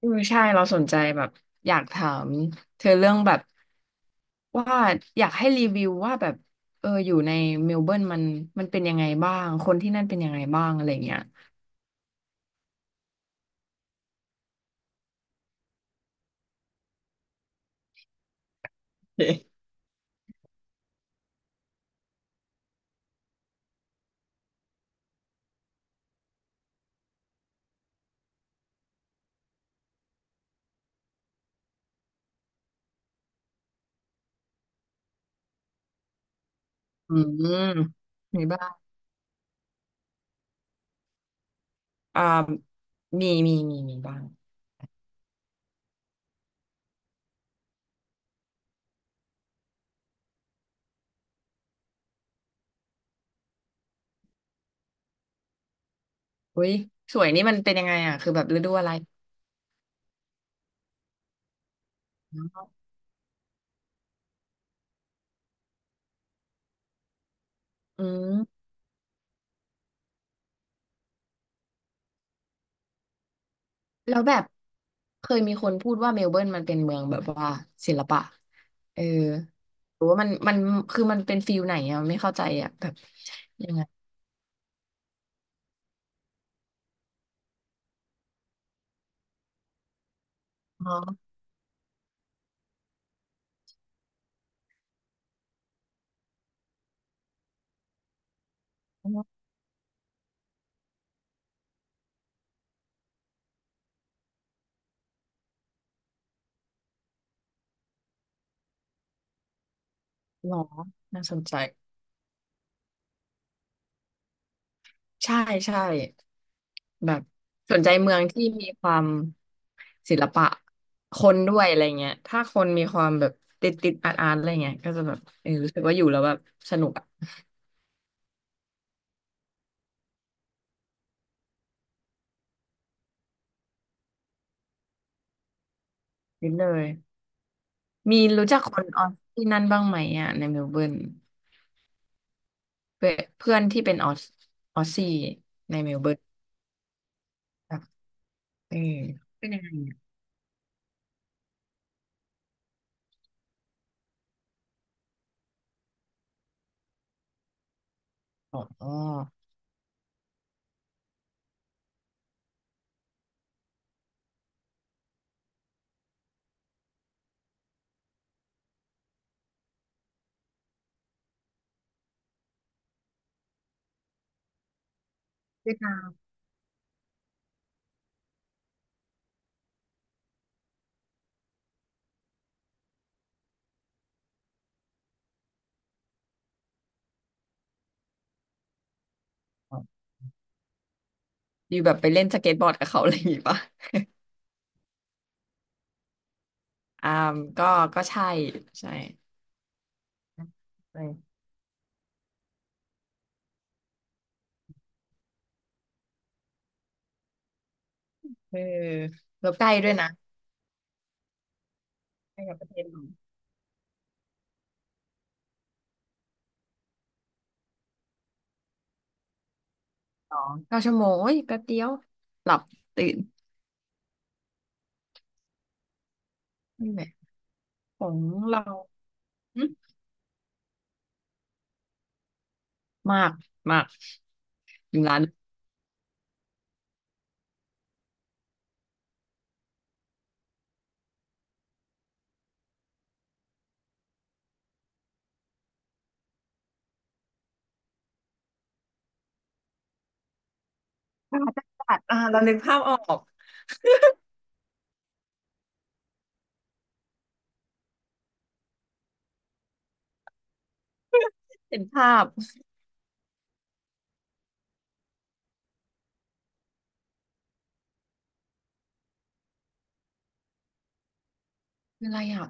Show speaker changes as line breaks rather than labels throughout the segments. ใช่เราสนใจแบบอยากถามเธอเรื่องแบบว่าอยากให้รีวิวว่าแบบอยู่ในเมลเบิร์นมันเป็นยังไงบ้างคนที่นั่นเป็นยังไงบ้างอะไรเงี้ยโอเคอืมมีบ้างอ่ามีบ้างอุ้ยสวยนี่มันเป็นยังไงอ่ะคือแบบฤดูอะไรอืม แล้วแบบเคยมีคนพูดว่าเมลเบิร์นมันเป็นเมืองแบบว่าศิลปะเออหรือว่ามันคือมันเป็นฟิลไหนอะไม่เข้าใจอะแบบยังไงอ๋อหรอน่าสนใจใช่ใช่แบบสนใจเมืองที่มีความศิลปะคนด้วยอะไรเงี้ยถ้าคนมีความแบบติดอาร์ตอะไรเงี้ยก็จะแบบเออรู้สึกว่าอยู่แล้วแบบสนุกอะนิดเลยมีรู้จักคนออสที่นั่นบ้างไหมอะในเมลเบิร์น เพื่อนเพื่อนที่เป็นออสออสซี่ในเมลเบิร์นแบบเออเป็นยังไงเนี่ยอ๋อเวียดนามเหรออยู่แบบไปเล่นสเก็ตบอร์ดกับเขาอะไรอย่างงี้ปะอ่าก็ใช่ใช่ไปเออแล้วใกล้ด้วยนะใกล้กับประเทศเราสองเก้าชั่วโมงโอ้ยแป๊บเดียวหลับตื่นนี่แหละของเราหึมากมากถึงร้านจัดอ่าเรานึกภาพออกเห็นภาพคืออะไรอ่ะ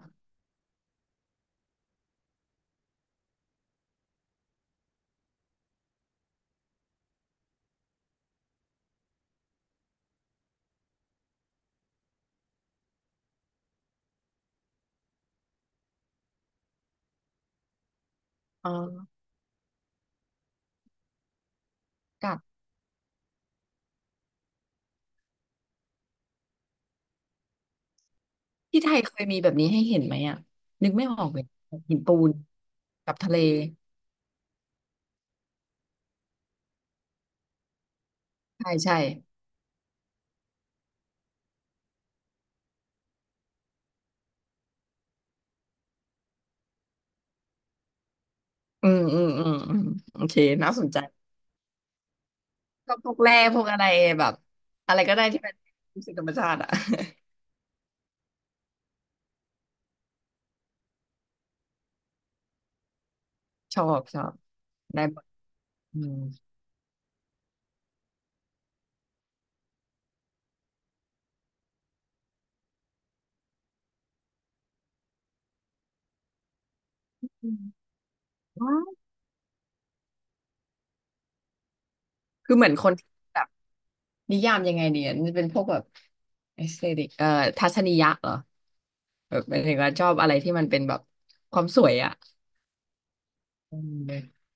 อ๋อจัด ที่ไทยเคยมีแบบนี้ให้เห็นไหมอ่ะนึกไม่ออกเลยหินปูนกับทะเลใช่ใช่อืมโอเคน่าสนใจก็พวกแร่พวกอะไรแบบอะไรก็ได้ที่เป็นรู้สึกธรรมชาติอ่ะ ชอบชอบได้หมดอืมอืมว้าวคือเหมือนคนที่แบบนิยามยังไงเนี่ยมันเป็นพวกแบบเอสเตติกทัศนียะเหรอแบบหมายถึงว่าชอบอะไรที่มันเป็นแบบความสวยอ่ะอืม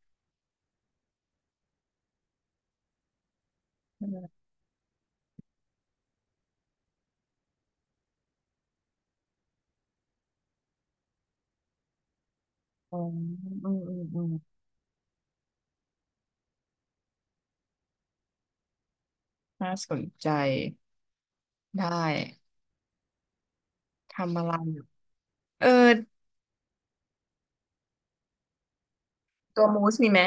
อืมอืมน่าสนใจ ได้ทำอะไรอยู่เออตัวมูสมีไหม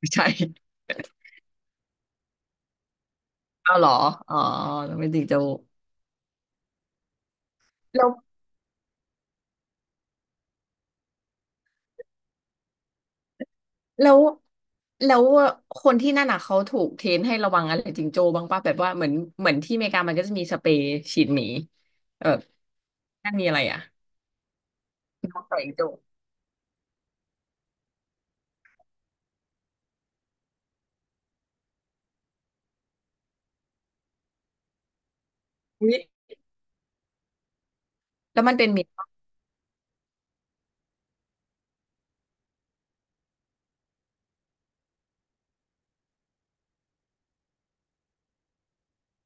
ไม่ ใช่เอาเหรออ๋อแล้วไม่ติงโจแล้วแล้วแล้วคนที่นั่นอ่ะเขาถูกเทรนให้ระวังอะไรจิงโจ้บ้างป่ะแบบว่าเหมือนที่อเมริกามันก็จะมีสเปรย์ฉีดหมีเออนั่นมีอะไรอ่ะน้องใส่อยจิงโจอุ๊ยแล้วมันเป็นหมี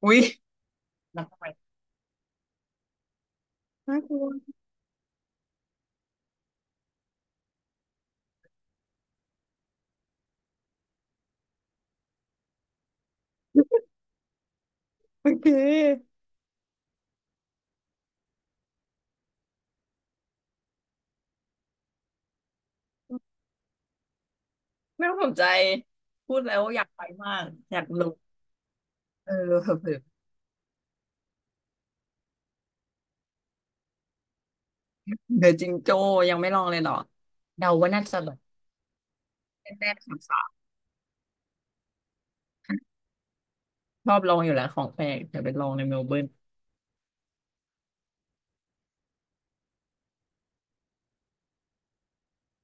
อุ๊ยน้องไปน่ากลัวโอเคไม่ต้องสนใจพูดแล้วอยากไปมากอยากลงเออเผลอ เดอะจิงโจ้ยังไม่ลองเลยเหรอเดาว่าน่าจะแบบแรกๆสามๆชอบลองอยู่แล้วของแปลกแต่ไปลองในเมลเบิร์น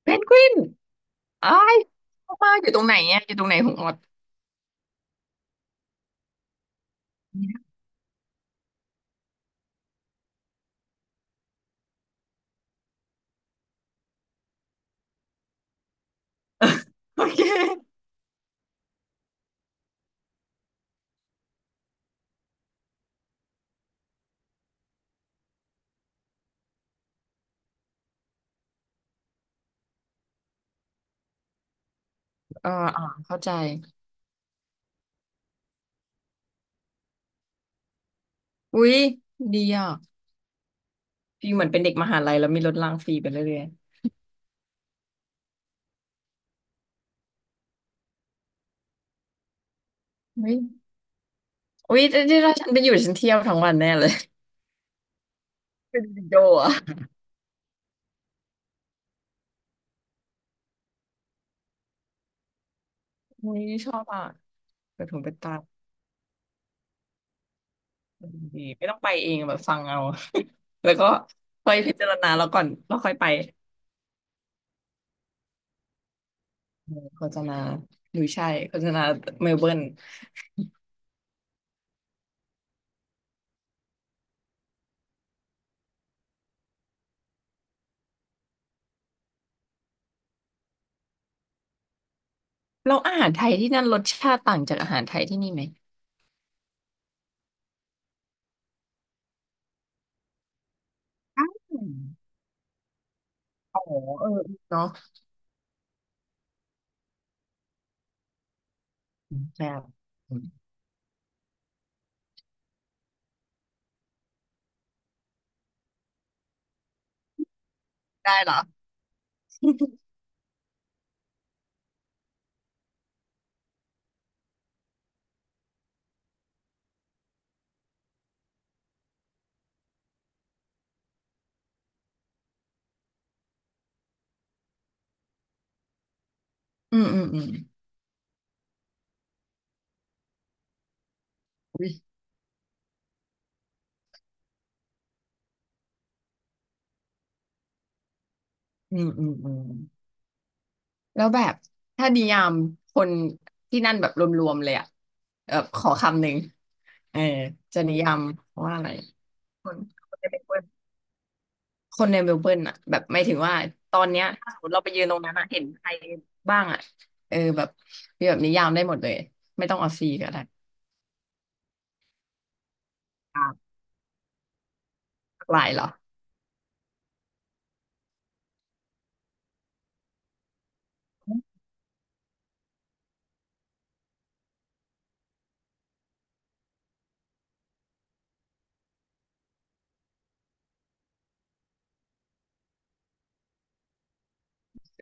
เพนกวินอ้ายเข้ามาอยู่ตรงไหนเนี่ยอยู่ตรงไหนของออด โอเคเอออ่าเข้าใจอุ้ยดีอ่ะฟีลเหมือนเป็นเด็กมหาลัยแล้วมีรถรางฟรีไปเรื่อยๆอุ้ยที่ถ้าฉันไปอยู่ฉันเที่ยวทั้งวันแน่เลย เป็นจิงโจ้อ่ะอุ้ยชอบอ่ะเปิดหูเปิดตาดีไม่ต้องไปเองแบบฟังเอา แล้วก็ค่อยพิจารณาแล้วก่อนแล้วค่อยไป โฆษณาหรือใช่โฆษณาเมลเบิร์นแล้วอาหารไทยที่นั่นรสชาติต่างจากอาหารไทยที่นี่ไหมอ้าวอ๋อเออเนาะแบบได้เหรออืมอุยอืมแล้วแบบถ้านิยามคนที่นั่นแบบรวมๆเลยอะแบบขอคำหนึ่งเออจะนิยามว่าอะไรคนคนจะเป็นคน คนในเมลเบิร์นอะแบบหมายถึงว่าตอนเนี้ยถ้าสมมติเราไปยืนตรงนั้นอะเห็นใครบ้างอะเออแบบมีแบบนิยามได้หมดเลยไม่ต้องเอาซีก็ได้อ่าหลากหลายเหรอ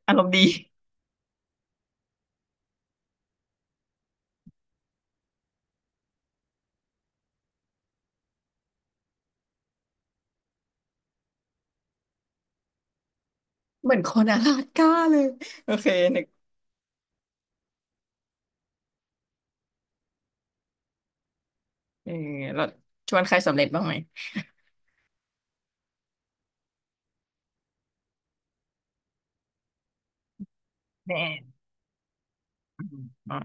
อารมณ์ดีเหมือนคนอลาสก้าเลยโอเคนึกเออเราชวนใครสำเร็จบ้างไหมแน่อืมอ่า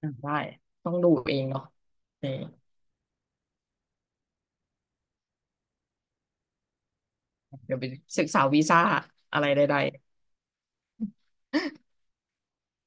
ได้ต้องดูเองเนาะเออเดี๋ยวไปศึกษาวีซ่าอะไรใดๆ